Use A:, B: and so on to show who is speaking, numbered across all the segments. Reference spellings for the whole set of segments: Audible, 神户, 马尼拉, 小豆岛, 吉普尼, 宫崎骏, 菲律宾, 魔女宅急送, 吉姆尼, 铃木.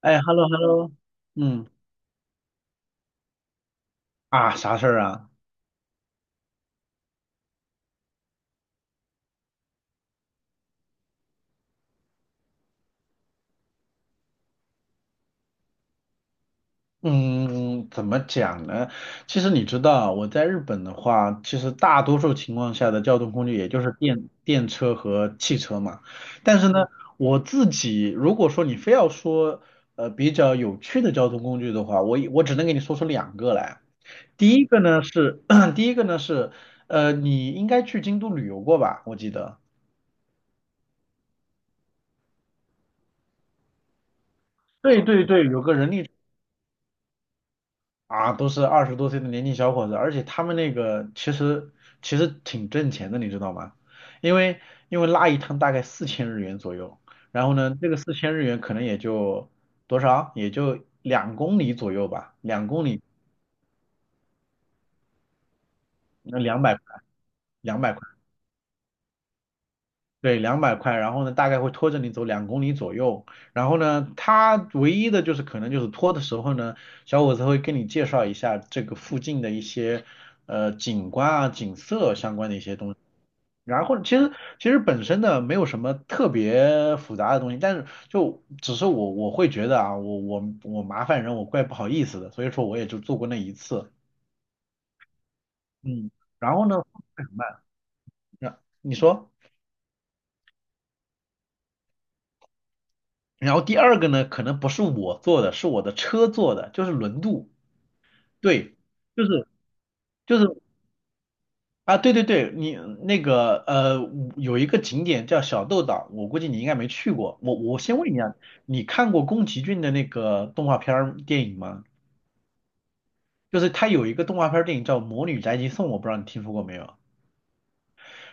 A: 哎，hello hello。嗯。啊，啥事儿啊？嗯，怎么讲呢？其实你知道，我在日本的话，其实大多数情况下的交通工具也就是电车和汽车嘛。但是呢，我自己如果说你非要说比较有趣的交通工具的话，我只能给你说出两个来。第一个呢是 第一个呢是你应该去京都旅游过吧？我记得。对对对，有个人力。啊，都是20多岁的年轻小伙子，而且他们那个其实挺挣钱的，你知道吗？因为因为拉一趟大概四千日元左右。然后呢，这个四千日元可能也就多少，也就两公里左右吧，两公里。那两百块，对，两百块。然后呢，大概会拖着你走两公里左右。然后呢，他唯一的就是可能就是拖的时候呢，小伙子会跟你介绍一下这个附近的一些景观啊、景色相关的一些东西。然后其实本身呢没有什么特别复杂的东西，但是就只是我会觉得啊，我麻烦人，我怪不好意思的，所以说我也就做过那一次。嗯，然后呢会很慢。那你说，然后第二个呢，可能不是我做的，是我的车做的，就是轮渡。对，就是就是。啊，对对对，你那个有一个景点叫小豆岛，我估计你应该没去过，我先问一下。你看过宫崎骏的那个动画片儿电影吗？就是它有一个动画片儿电影叫《魔女宅急送》，我不知道你听说过没有。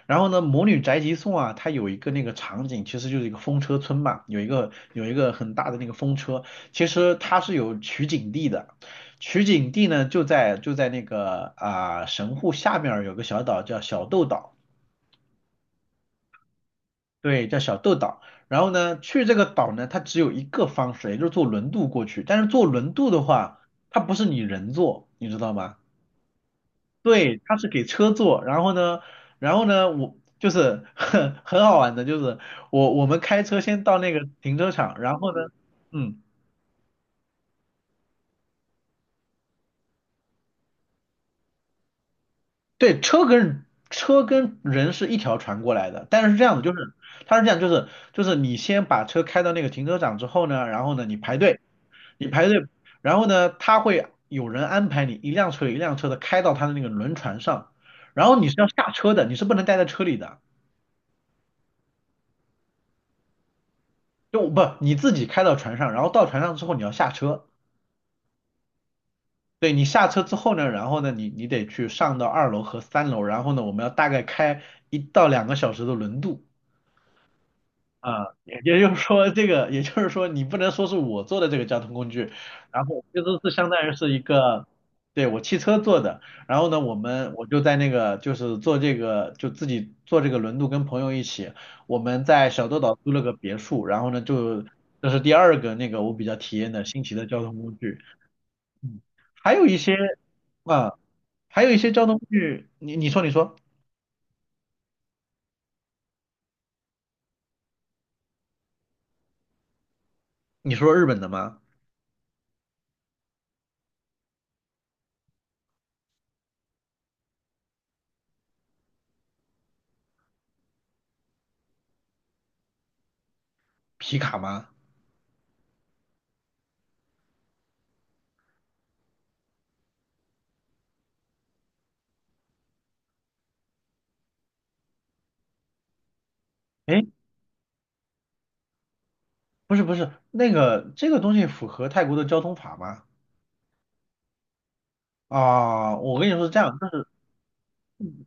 A: 然后呢，《魔女宅急送》啊，它有一个那个场景，其实就是一个风车村嘛，有一个很大的那个风车，其实它是有取景地的，取景地呢就在那个啊、神户下面儿有个小岛叫小豆岛。对，叫小豆岛。然后呢，去这个岛呢，它只有一个方式，也就是坐轮渡过去。但是坐轮渡的话，它不是你人坐，你知道吗？对，他是给车坐。然后呢，我就是很 很好玩的，就是我们开车先到那个停车场。然后呢。嗯，对，车跟人是一条船过来的，但是是这样的，就是，他是这样，就是你先把车开到那个停车场之后呢，然后呢你排队，你排队，然后呢他会有人安排你一辆车一辆车的开到他的那个轮船上，然后你是要下车的，你是不能待在车里的。就不你自己开到船上，然后到船上之后你要下车。对，你下车之后呢，然后呢你得去上到2楼和3楼，然后呢我们要大概开1到2个小时的轮渡。啊，也就是说，这个也就是说，你不能说是我做的这个交通工具。然后这都是相当于是一个，对，我汽车做的。然后呢，我就在那个就是做这个就自己做这个轮渡，跟朋友一起，我们在小豆岛租了个别墅。然后呢就这是第二个那个我比较体验的新奇的交通工具。嗯，还有一些。啊，还有一些交通工具，你说日本的吗？皮卡吗？哎，不是不是，那个这个东西符合泰国的交通法吗？啊，我跟你说是这样，就是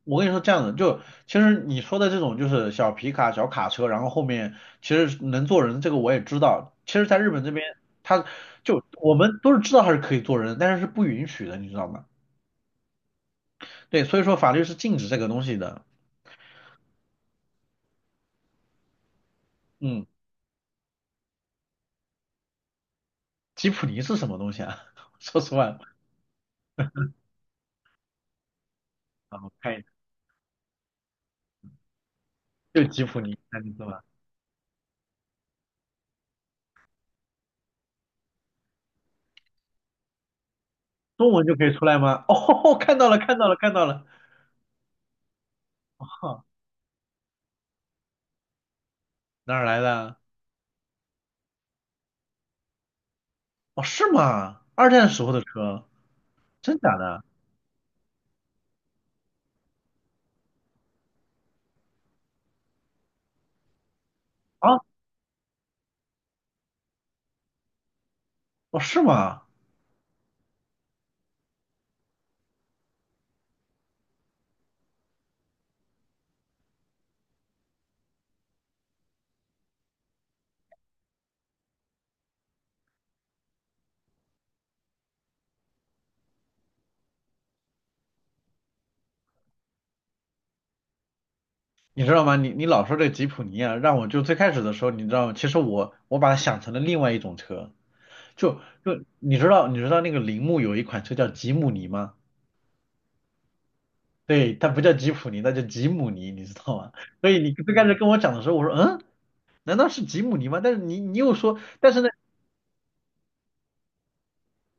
A: 我跟你说这样的，就其实你说的这种就是小皮卡、小卡车，然后后面其实能坐人，这个我也知道。其实，在日本这边，他就我们都是知道它是可以坐人，但是是不允许的，你知道吗？对，所以说法律是禁止这个东西的。嗯，吉普尼是什么东西啊？说实话，啊，我看一下。就吉普尼，看你知道吧？中文就可以出来吗？哦，看到了，看到了，看到了。哪儿来的啊？哦，是吗？二战时候的车，真假的啊？哦，是吗？你知道吗？你老说这吉普尼啊，让我就最开始的时候，你知道吗？其实我把它想成了另外一种车。就就你知道那个铃木有一款车叫吉姆尼吗？对，它不叫吉普尼，它叫吉姆尼，你知道吗？所以你最开始跟我讲的时候，我说嗯，难道是吉姆尼吗？但是你又说，但是呢，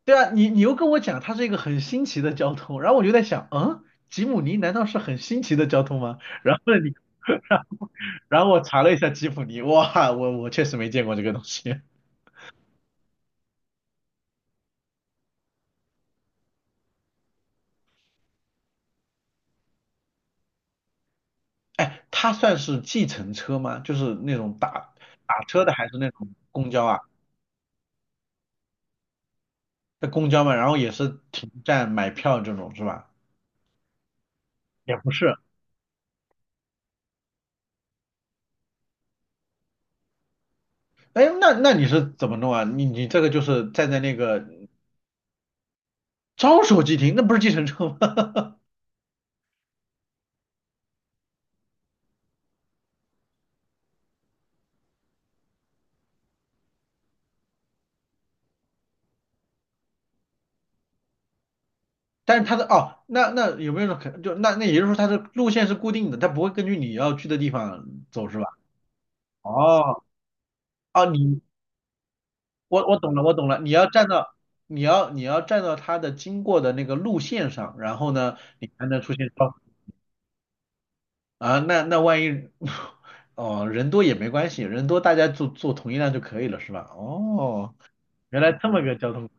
A: 对啊，你又跟我讲它是一个很新奇的交通，然后我就在想，嗯，吉姆尼难道是很新奇的交通吗？然后呢你 然后我查了一下吉普尼，哇，我确实没见过这个东西。哎，它算是计程车吗？就是那种打车的，还是那种公交啊？那公交嘛，然后也是停站买票这种是吧？也不是。哎，那你是怎么弄啊？你这个就是站在那个招手即停，那不是计程车吗？但是它的哦，那有没有可能就那也就是说它的路线是固定的，它不会根据你要去的地方走是吧？哦哦，你我懂了，我懂了。你要站到，你要站到他的经过的那个路线上，然后呢，你才能出现超啊。那万一 哦，人多也没关系，人多大家坐坐同一辆就可以了，是吧？哦，原来这么个交通，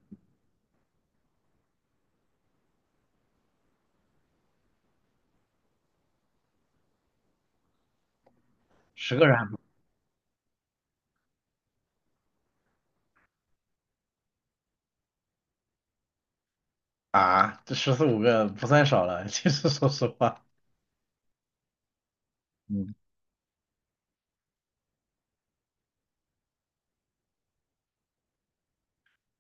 A: 10个人还不啊，这十四五个不算少了。其实说实话，嗯，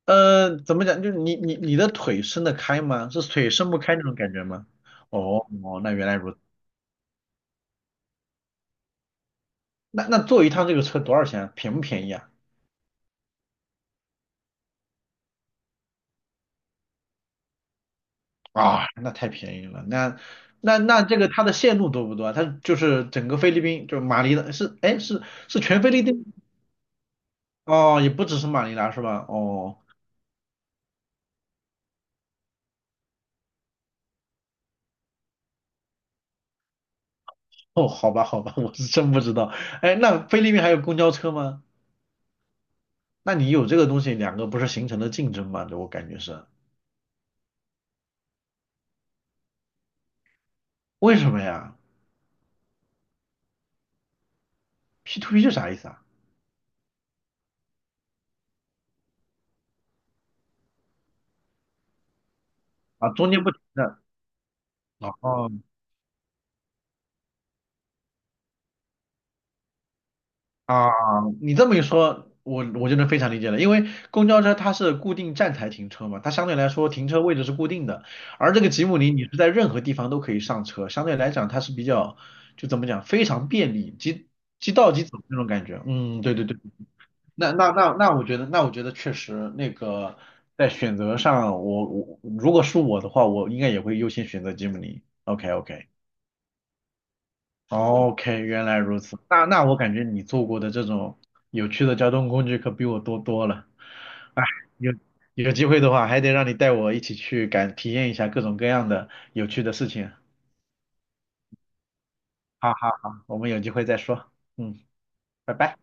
A: 怎么讲？就是你的腿伸得开吗？是腿伸不开那种感觉吗？哦哦，那原来如此。那坐一趟这个车多少钱啊便不便宜啊？啊，那太便宜了。那这个它的线路多不多啊？它就是整个菲律宾，就是马尼拉是，哎是全菲律宾哦，也不只是马尼拉是吧？哦哦，好吧好吧，我是真不知道。哎，那菲律宾还有公交车吗？那你有这个东西，两个不是形成了竞争吗？这我感觉是为什么呀？P to P 是啥意思啊？啊，中间不停的。哦。啊，你这么一说，我就能非常理解了，因为公交车它是固定站台停车嘛，它相对来说停车位置是固定的，而这个吉姆尼你是在任何地方都可以上车，相对来讲它是比较，就怎么讲，非常便利，即到即走那种感觉。嗯，对对对，那我觉得，那我觉得确实那个在选择上，我如果是我的话，我应该也会优先选择吉姆尼。OK OK。OK，原来如此。那我感觉你做过的这种有趣的交通工具可比我多多了。哎，有有机会的话，还得让你带我一起去体验一下各种各样的有趣的事情。好好好，我们有机会再说。嗯，拜拜。